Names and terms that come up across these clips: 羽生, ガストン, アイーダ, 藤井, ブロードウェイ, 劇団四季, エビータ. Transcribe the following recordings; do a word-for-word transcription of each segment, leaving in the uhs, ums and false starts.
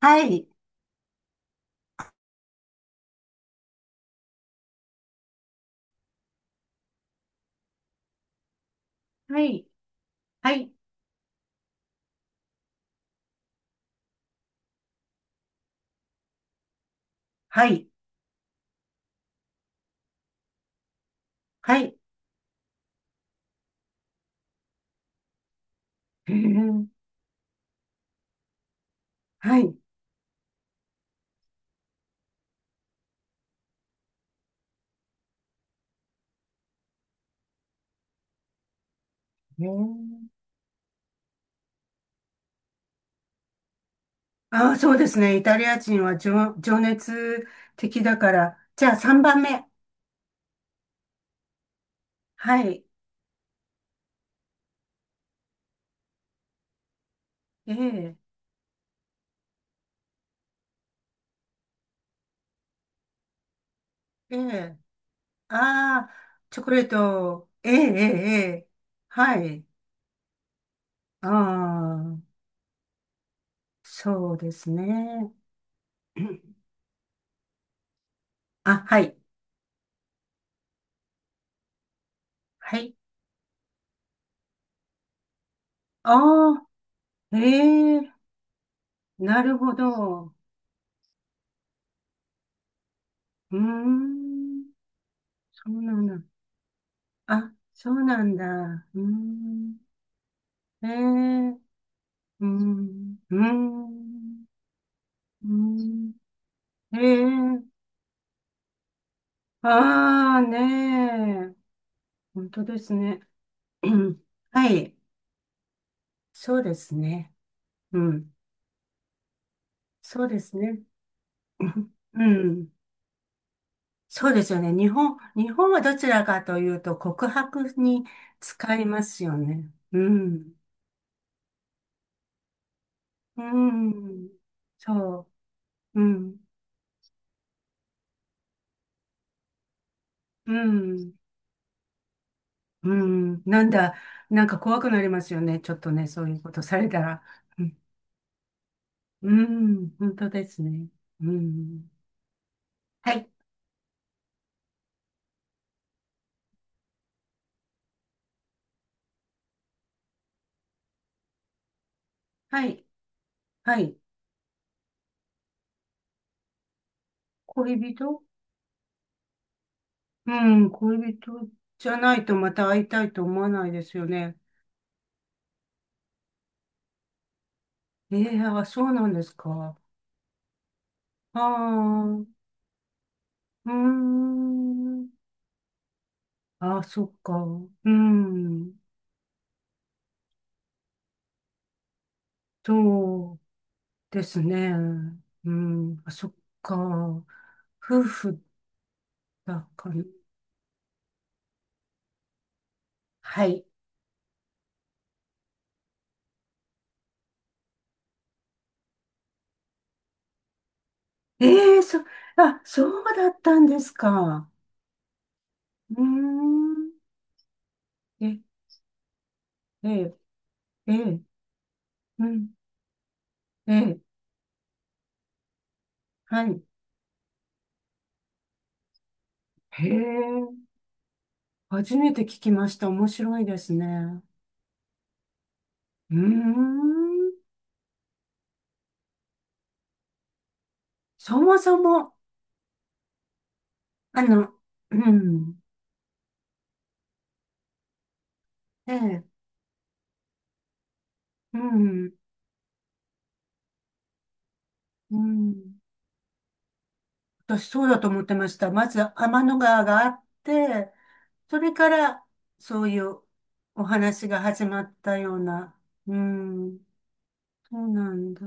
はい。はい。はい。はい。はい。へえ。はい。へえ。ああ、そうですね。イタリア人は情、情熱的だから。じゃあさんばんめ。はい。ええ、ええ。ああ、チョコレート。ええ、ええ、ええ。はい。ああ、そうですね。あ、はい。はい。ああ、ええ、なるほど。うーん、そうなんだ。あ、そうなんだ。うーん。ええ、うーん。うーん。うーん。ええ、ああー、ねえ。本当ですね。うん、はい。そうですね。うん。そうですね。うん、うん、そうですよね。日本、日本はどちらかというと告白に使いますよね。うん。うん。そう。うん。うん。うん、なんだ、なんか怖くなりますよね。ちょっとね、そういうことされたら。うん、うん、本当ですね。うん。はい、はい、はい。恋人、うん、恋人じゃないとまた会いたいと思わないですよね。ええ、あ、そうなんですか。ああ、うーん。あ、そっか。うん、そうですね。うん、あ、そっか。夫婦だから。はい。ええそ、あ、そうだったんですか。うーん。え、ええ、ええ、うん、ええ、はい。へえ、初めて聞きました。面白いですね。うーん。そもそも、あの、うん、ええ、うん、うん。私そうだと思ってました。まず天の川があって、それからそういうお話が始まったような。うん、そうなんだ。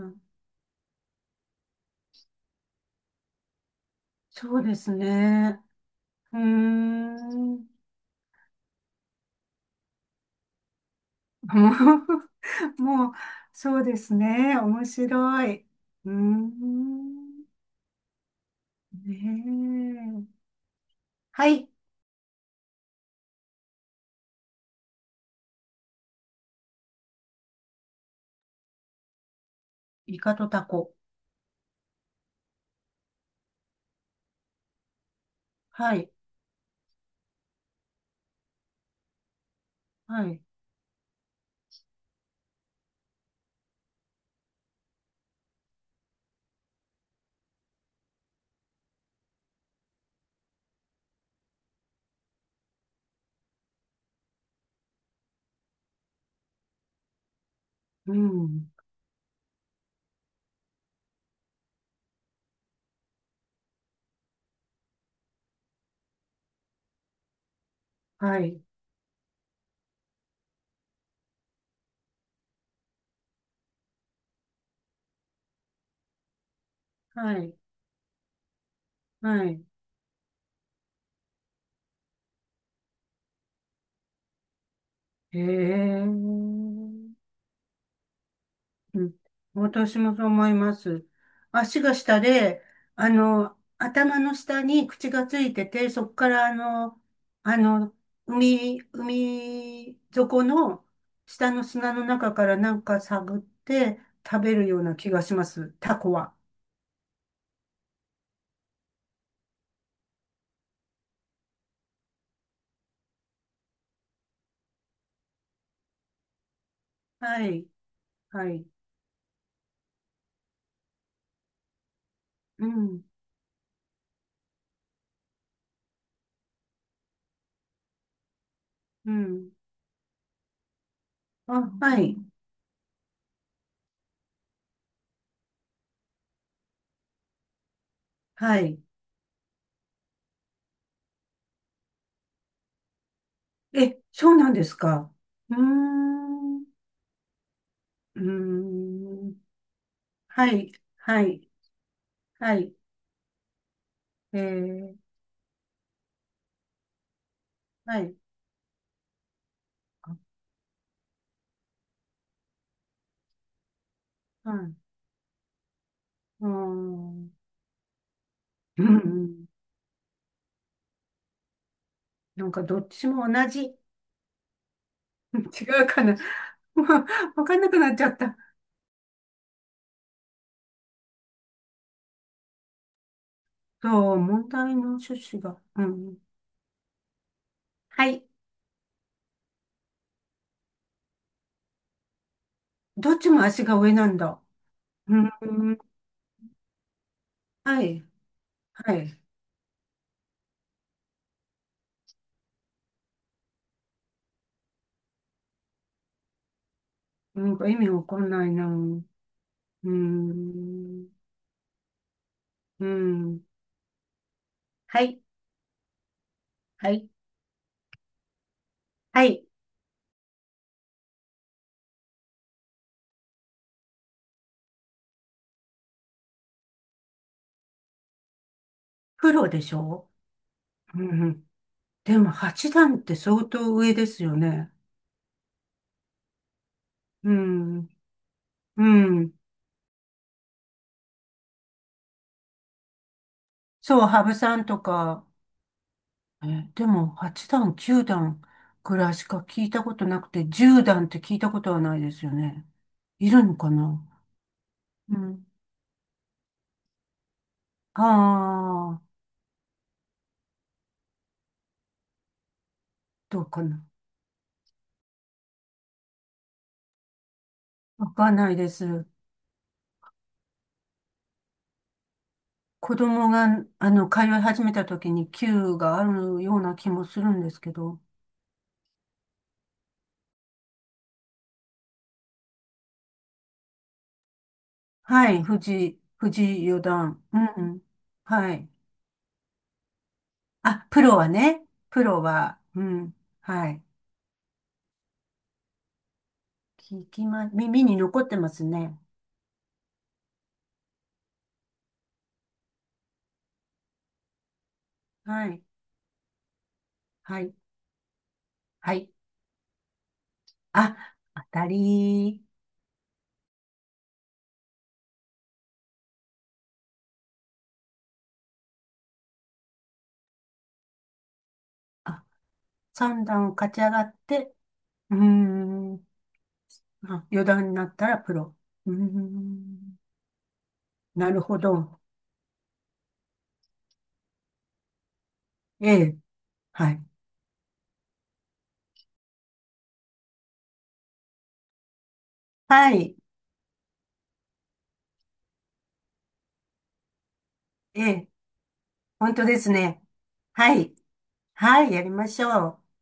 そうですね。うーん。もう、もう、そうですね。面白い。うーん。ねえ。はい。イカとタコ。はい。はい。うん。はい。はい。はい。へえ。うん、私もそう思います。足が下で、あの、頭の下に口がついてて、そこからあの、あの、海、海底の下の砂の中からなんか探って食べるような気がします。タコは。はい、はい。うん、うん。あ、はい、はい。え、そうなんですか。うーん、うーん。はい、はい、はい。えー、はい。あ、はい。うーん。うん、うん。なんかどっちも同じ。違うかな。もうわかんなくなっちゃった。そう、問題の趣旨が。うん。はい。どっちも足が上なんだ。うん。はい。はい。なんか意味わかんないな。うん。うん。はい。はい。はい。プロでしょ、うん。でも八段って相当上ですよね。うん。うん。そう、羽生さんとか、え、でも、はちだん段、きゅうだん段くらいしか聞いたことなくて、じゅうだん段って聞いたことはないですよね。いるのかな、うん。ああ、どうかな。わかんないです。子供が、あの、通い始めた時にきゅうがあるような気もするんですけど。はい、藤井、藤井四段。うん、うん。はい。あ、プロはね。プロは、うん。はい。聞きま、耳に残ってますね。はい。はい。はい。あ、当たり、あ、三段を勝ち上がって、うーん、あ、四段になったらプロ。うーん、なるほど。ええ、はい。はい、ええ、本当ですね。はい、はい、やりましょう。